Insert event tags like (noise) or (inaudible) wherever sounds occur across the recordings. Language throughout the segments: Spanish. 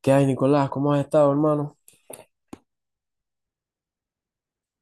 ¿Qué hay, Nicolás? ¿Cómo has estado, hermano?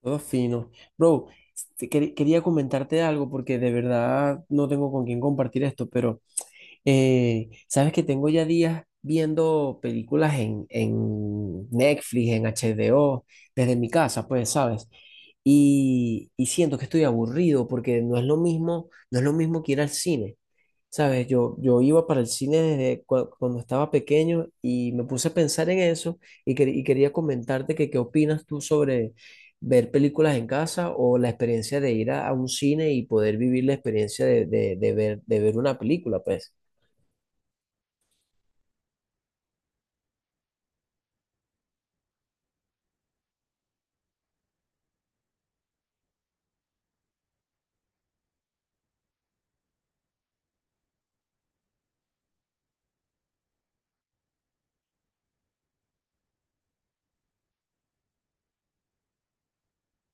Todo fino. Bro, quería comentarte algo porque de verdad no tengo con quién compartir esto, pero sabes que tengo ya días viendo películas en Netflix, en HBO, desde mi casa, pues, ¿sabes? Y siento que estoy aburrido porque no es lo mismo, no es lo mismo que ir al cine. Sabes, yo iba para el cine cuando estaba pequeño y me puse a pensar en eso y, quería comentarte que qué opinas tú sobre ver películas en casa o la experiencia de ir a un cine y poder vivir la experiencia de ver una película, pues.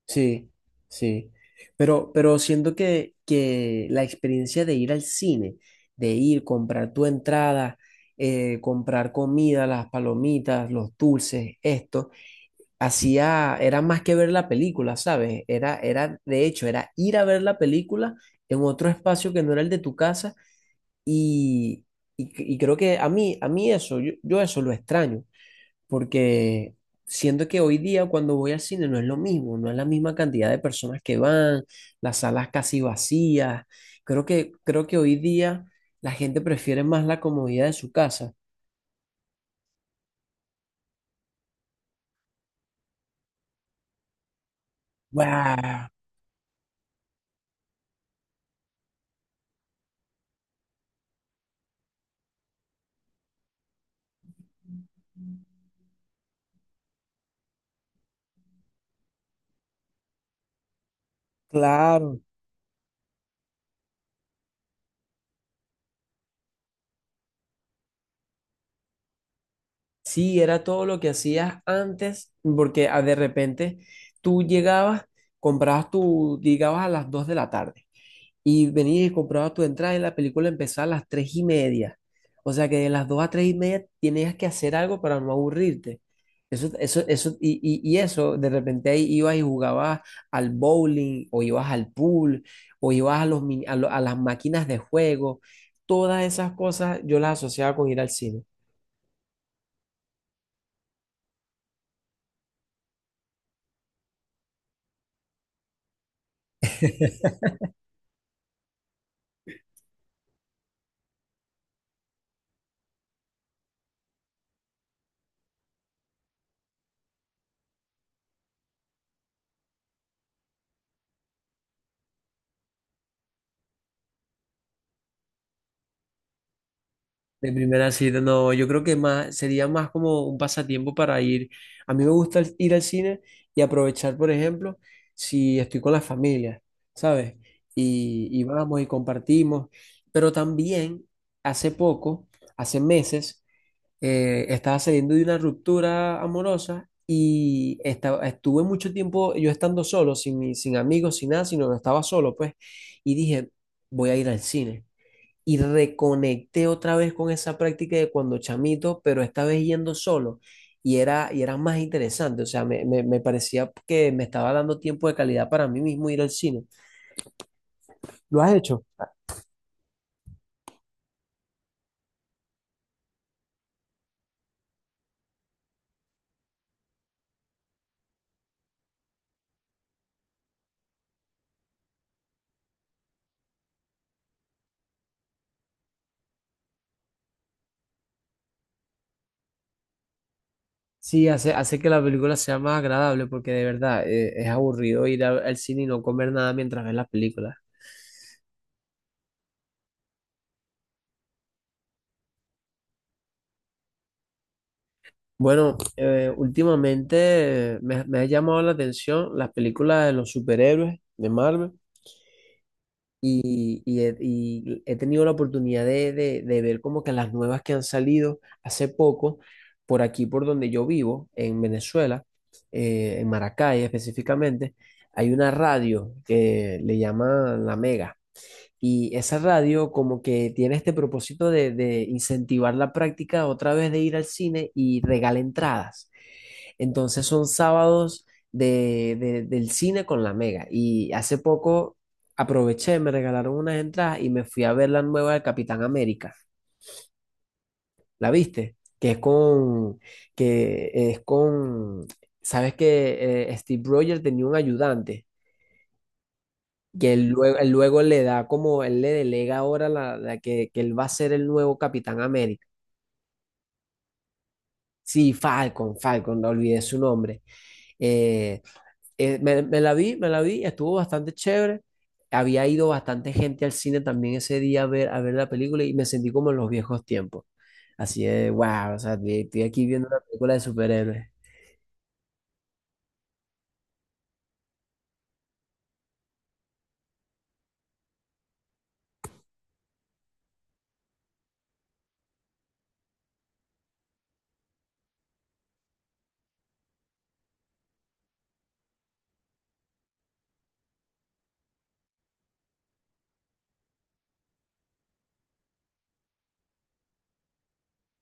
Sí, sí. Pero siento que la experiencia de ir al cine, de ir, comprar tu entrada, comprar comida, las palomitas, los dulces, esto. Hacía, era más que ver la película, ¿sabes? Era, era, de hecho, era ir a ver la película en otro espacio que no era el de tu casa y, y creo que a mí eso, yo eso lo extraño, porque siento que hoy día cuando voy al cine no es lo mismo, no es la misma cantidad de personas que van, las salas casi vacías, creo que hoy día la gente prefiere más la comodidad de su casa. ¡Guau! Claro. Sí, era todo lo que hacías antes, porque ah, de repente tú llegabas, comprabas tu, llegabas a las 2 de la tarde y venías y comprabas tu entrada y la película empezaba a las 3 y media. O sea que de las 2 a 3 y media tenías que hacer algo para no aburrirte. Eso, y eso, de repente ahí ibas y jugabas al bowling o ibas al pool o ibas a, los, a las máquinas de juego. Todas esas cosas yo las asociaba con ir al cine. De primera cita, no, yo creo que más, sería más como un pasatiempo para ir. A mí me gusta ir al cine y aprovechar, por ejemplo, si estoy con la familia, ¿sabes? Y vamos y compartimos. Pero también, hace poco, hace meses, estaba saliendo de una ruptura amorosa y estaba, estuve mucho tiempo yo estando solo, sin, sin amigos, sin nada, sino que estaba solo, pues, y dije, voy a ir al cine y reconecté otra vez con esa práctica de cuando chamito, pero esta vez yendo solo. Y era más interesante, o sea, me parecía que me estaba dando tiempo de calidad para mí mismo ir al cine. ¿Lo has hecho? Sí, hace, hace que la película sea más agradable porque de verdad es aburrido ir al cine y no comer nada mientras ves la película. Bueno, últimamente me, me ha llamado la atención las películas de los superhéroes de Marvel. Y, y he tenido la oportunidad de, de ver como que las nuevas que han salido hace poco, por aquí, por donde yo vivo, en Venezuela, en Maracay específicamente, hay una radio que le llaman La Mega. Y esa radio como que tiene este propósito de incentivar la práctica otra vez de ir al cine y regala entradas. Entonces son sábados de, del cine con la Mega. Y hace poco aproveché, me regalaron unas entradas y me fui a ver la nueva de Capitán América. ¿La viste? Que es con, sabes que Steve Rogers tenía un ayudante, que él luego le da como, él le delega ahora la, la que él va a ser el nuevo Capitán América. Sí, Falcon, Falcon, no olvidé su nombre. Eh, me, me la vi, estuvo bastante chévere. Había ido bastante gente al cine también ese día a ver la película y me sentí como en los viejos tiempos. Así de, wow, o sea, estoy aquí viendo una película de superhéroes.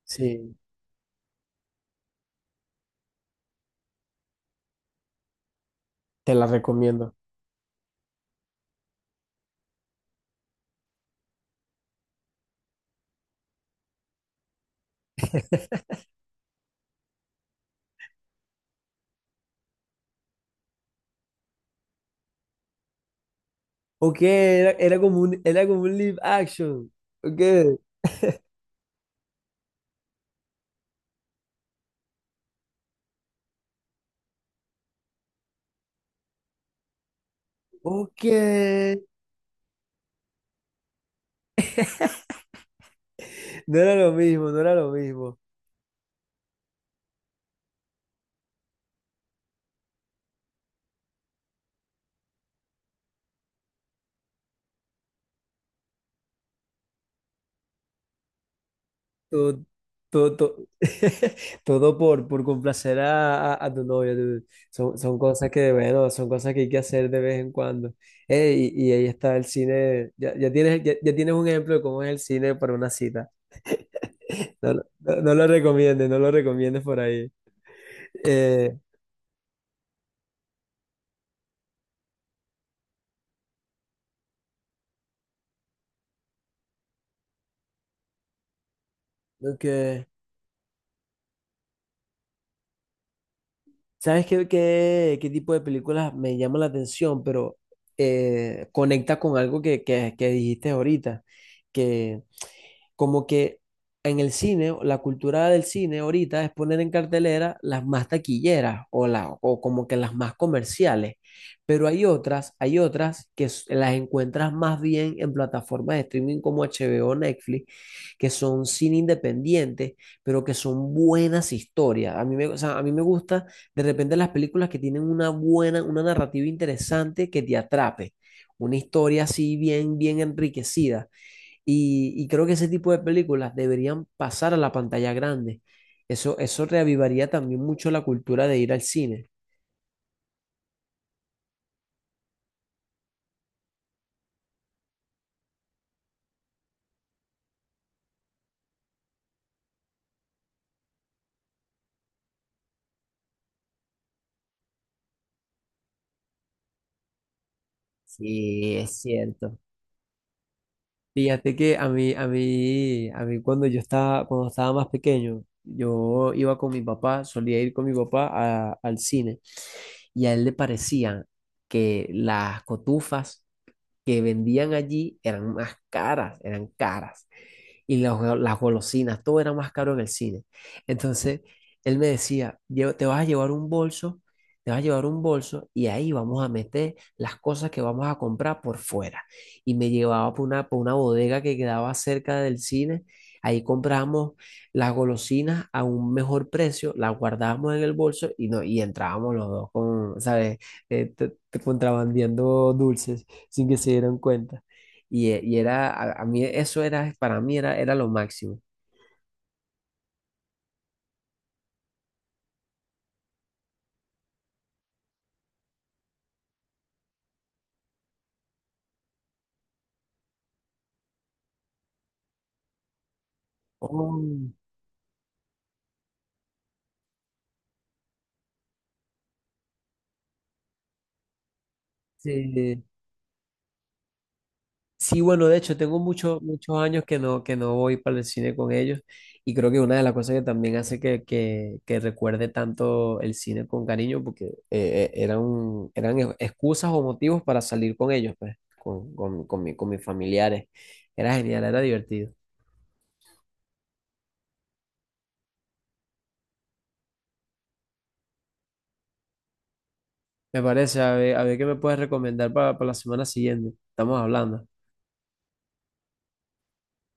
Sí, te la recomiendo. Ok, era, era como un live action. Ok, ok. No era lo mismo, no era lo mismo. Todo, todo, todo, (laughs) todo por complacer a tu novia. Dude. Son, son cosas que, bueno, son cosas que hay que hacer de vez en cuando. Y ahí está el cine. Ya, ya tienes un ejemplo de cómo es el cine para una cita. (laughs) No, no, no lo recomiendes, no lo recomiendes por ahí. Eh, ok. ¿Sabes qué, qué, qué tipo de películas me llama la atención? Pero conecta con algo que dijiste ahorita, que como que en el cine, la cultura del cine ahorita es poner en cartelera las más taquilleras o, la, o como que las más comerciales, pero hay otras las encuentras más bien en plataformas de streaming como HBO, Netflix, que son cine independiente, pero que son buenas historias. A mí me, o sea, a mí me gusta de repente las películas que tienen una buena, una narrativa interesante que te atrape, una historia así bien, bien enriquecida. Y creo que ese tipo de películas deberían pasar a la pantalla grande. Eso reavivaría también mucho la cultura de ir al cine. Sí, es cierto. Fíjate que a mí, a mí, a mí cuando yo estaba, cuando estaba más pequeño, yo iba con mi papá, solía ir con mi papá al cine y a él le parecían que las cotufas que vendían allí eran más caras, eran caras y las, las golosinas, todo era más caro en el cine. Entonces, él me decía, te vas a llevar un bolso, te vas a llevar un bolso y ahí vamos a meter las cosas que vamos a comprar por fuera. Y me llevaba por una bodega que quedaba cerca del cine. Ahí compramos las golosinas a un mejor precio, las guardábamos en el bolso y, no, y entrábamos los dos con, ¿sabes? Te contrabandeando dulces sin que se dieran cuenta. Y, y era, a mí eso era, para mí era, era lo máximo. Oh, sí. Sí, bueno, de hecho, tengo muchos, muchos años que no voy para el cine con ellos y creo que una de las cosas que también hace que recuerde tanto el cine con cariño, porque eran, eran excusas o motivos para salir con ellos, pues, con, con mis familiares. Era genial, era divertido. Me parece, a ver qué me puedes recomendar para la semana siguiente. Estamos hablando.